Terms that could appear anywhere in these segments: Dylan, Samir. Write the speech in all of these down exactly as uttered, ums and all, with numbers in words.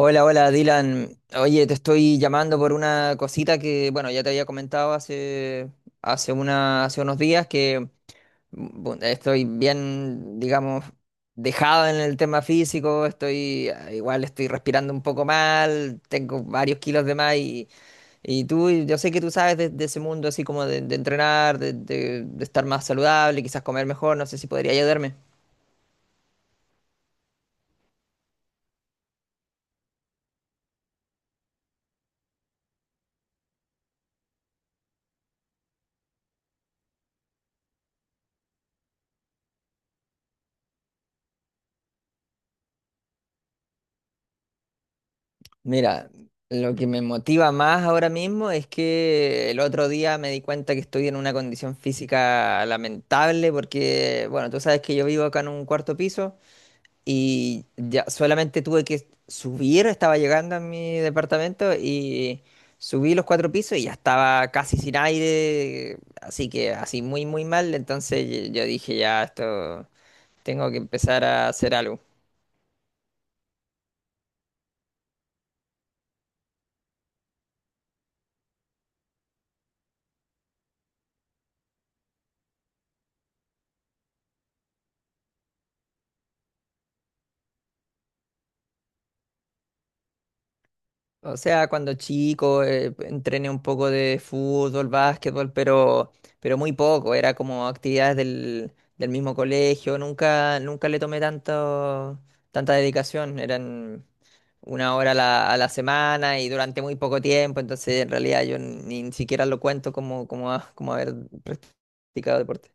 Hola, hola Dylan. Oye, te estoy llamando por una cosita que, bueno, ya te había comentado hace, hace, una, hace unos días que bu- estoy bien, digamos, dejado en el tema físico, estoy, ah, igual estoy respirando un poco mal, tengo varios kilos de más y, y tú, yo sé que tú sabes de, de ese mundo así como de, de entrenar, de, de de estar más saludable, quizás comer mejor, no sé si podría ayudarme. Mira, lo que me motiva más ahora mismo es que el otro día me di cuenta que estoy en una condición física lamentable porque, bueno, tú sabes que yo vivo acá en un cuarto piso y ya solamente tuve que subir, estaba llegando a mi departamento y subí los cuatro pisos y ya estaba casi sin aire, así que así muy, muy mal, entonces yo dije, ya, esto tengo que empezar a hacer algo. O sea, cuando chico eh, entrené un poco de fútbol, básquetbol, pero, pero muy poco. Era como actividades del, del mismo colegio. Nunca, nunca le tomé tanto, tanta dedicación. Eran una hora a la, a la semana y durante muy poco tiempo. Entonces, en realidad, yo ni, ni siquiera lo cuento como, como, a- como haber practicado deporte.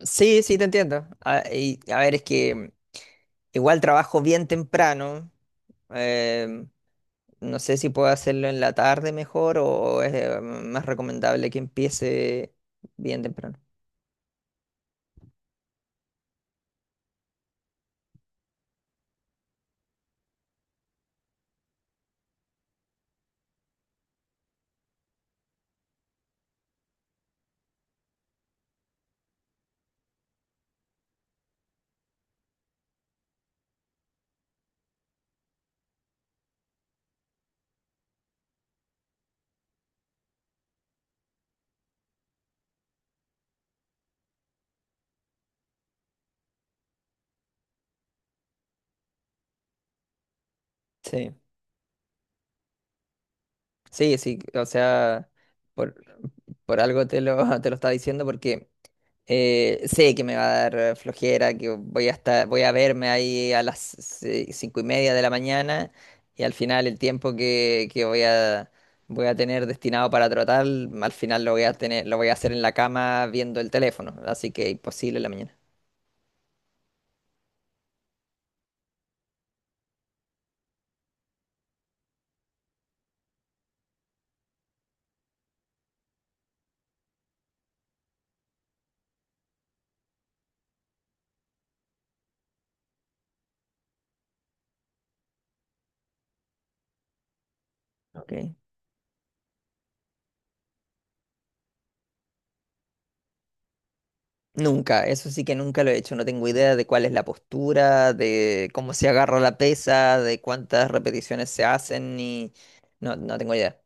Sí, sí, te entiendo. A, y- a ver, es que igual trabajo bien temprano. eh, no sé si puedo hacerlo en la tarde mejor o es eh, más recomendable que empiece bien temprano. Sí, sí, sí. O sea, por, por algo te lo, te lo estaba diciendo porque. Eh, sé que me va a dar eh, flojera, que voy a estar, voy a verme ahí a las ci- cinco y media de la mañana y al final el tiempo que, que voy a, voy a tener destinado para trotar, al final lo voy a tener, lo voy a hacer en la cama viendo el teléfono, así que imposible en la mañana. Ok. Nunca, eso sí que nunca lo he hecho, no tengo idea de cuál es la postura, de cómo se agarra la pesa, de cuántas repeticiones se hacen, ni. No, no tengo idea.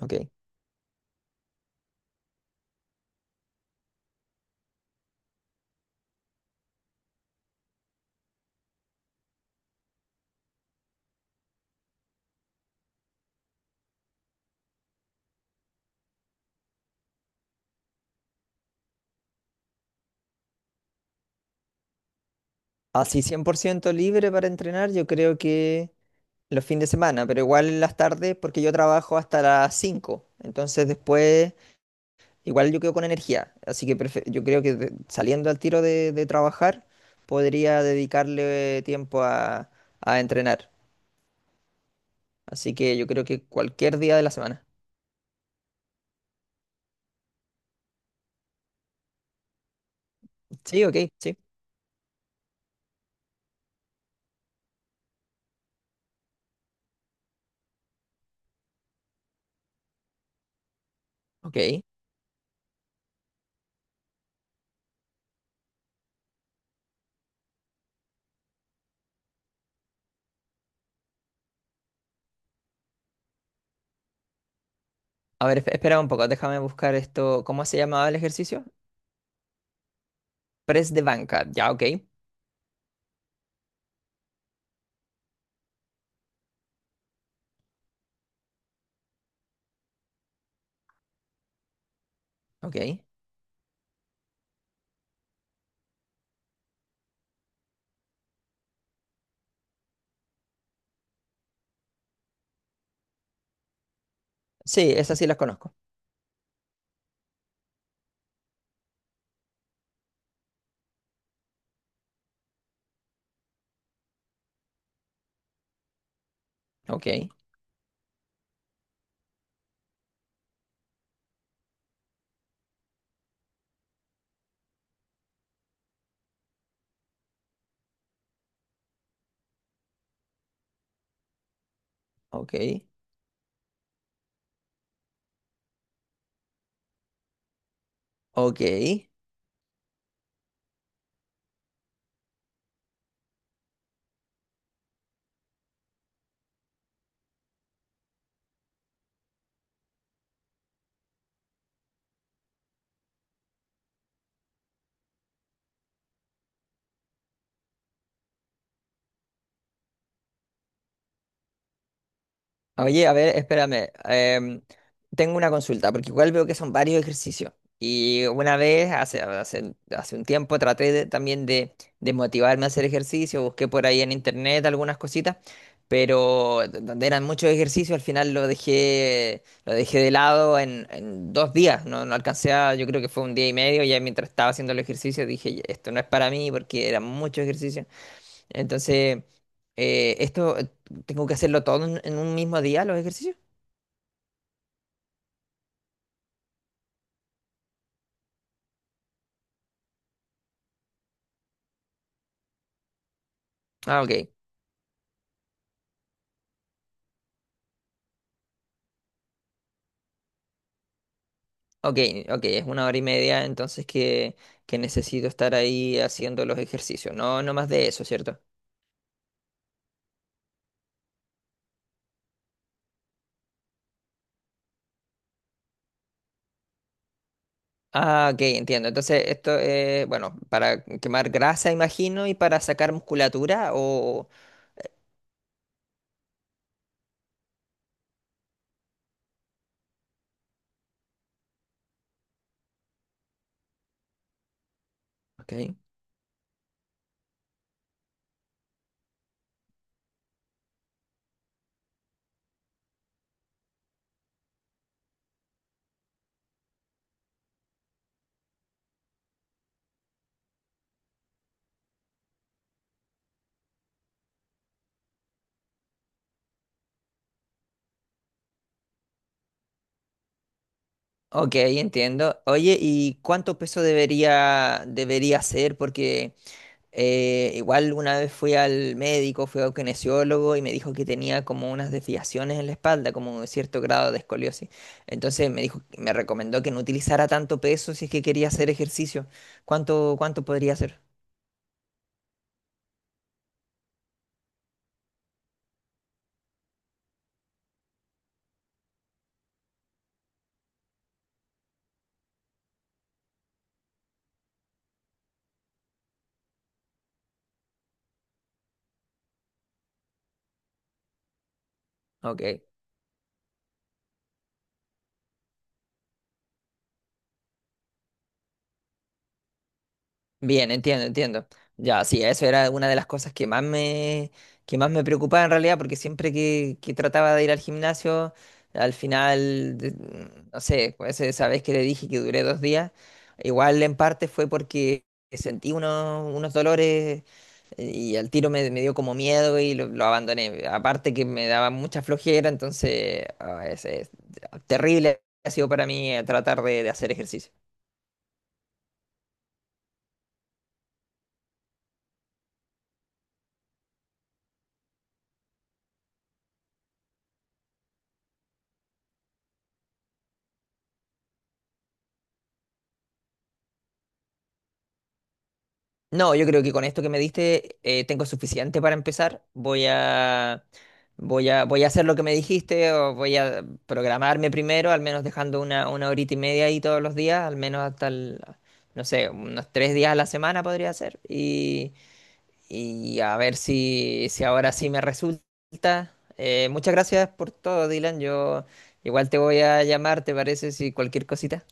Ok. Así cien por ciento libre para entrenar, yo creo que los fines de semana, pero igual en las tardes, porque yo trabajo hasta las cinco. Entonces después igual yo quedo con energía, así que prefe- yo creo que de- saliendo al tiro de, de trabajar podría dedicarle tiempo a, a entrenar, así que yo creo que cualquier día de la semana. Sí, ok, sí, ok. A ver, esp- espera un poco, déjame buscar esto, ¿cómo se llamaba el ejercicio? Press de banca, ya, ok, ok. Sí, esas sí las conozco, ok, ok. Ok. Oye, a ver, espérame. Em, tengo una consulta, porque igual veo que son varios ejercicios. Y una vez, hace, hace, hace un tiempo, traté de- también de, de motivarme a hacer ejercicio. Busqué por ahí en internet algunas cositas, pero d- donde eran muchos ejercicios, al final lo dejé, lo dejé de lado en, en dos días. No, no alcancé a, yo creo que fue un día y medio. Ya mientras estaba haciendo el ejercicio, dije, esto no es para mí porque eran muchos ejercicios. Entonces. Eh, ¿esto eh, tengo que hacerlo todo en, en un mismo día, los ejercicios? Ah, ok, ok, ok, es una hora y media, entonces que, que necesito estar ahí haciendo los ejercicios, no, no más de eso, ¿cierto? Ah, ok, entiendo. Entonces, esto es, bueno, para quemar grasa, imagino, y para sacar musculatura, o. Ok, ok, entiendo. Oye, ¿y cuánto peso debería, debería ser? Porque. Eh, igual una vez fui al médico, fui a un kinesiólogo y me dijo que tenía como unas desviaciones en la espalda, como un cierto grado de escoliosis. Entonces me dijo, me recomendó que no utilizara tanto peso si es que quería hacer ejercicio. ¿Cuánto, cuánto podría hacer? Ok. Bien, entiendo, entiendo. Ya, sí, eso era una de las cosas que más me, que más me preocupaba en realidad, porque siempre que, que trataba de ir al gimnasio, al final, de- no sé, pues, esa vez que le dije que duré dos días, igual en parte fue porque sentí unos, unos dolores y al tiro me, me dio como miedo y lo, lo abandoné. Aparte que me daba mucha flojera, entonces ah, es, es terrible ha sido para mí eh, tratar de de hacer ejercicio. No, yo creo que con esto que me diste eh, tengo suficiente para empezar. Voy a, voy a, voy a hacer lo que me dijiste o voy a programarme primero, al menos dejando una, una horita y media ahí todos los días, al menos hasta el, no sé, unos tres días a la semana podría ser. Y, y a ver si, si ahora sí me resulta. Eh, muchas gracias por todo, Dylan. Yo igual te voy a llamar, ¿te parece? Si cualquier cosita.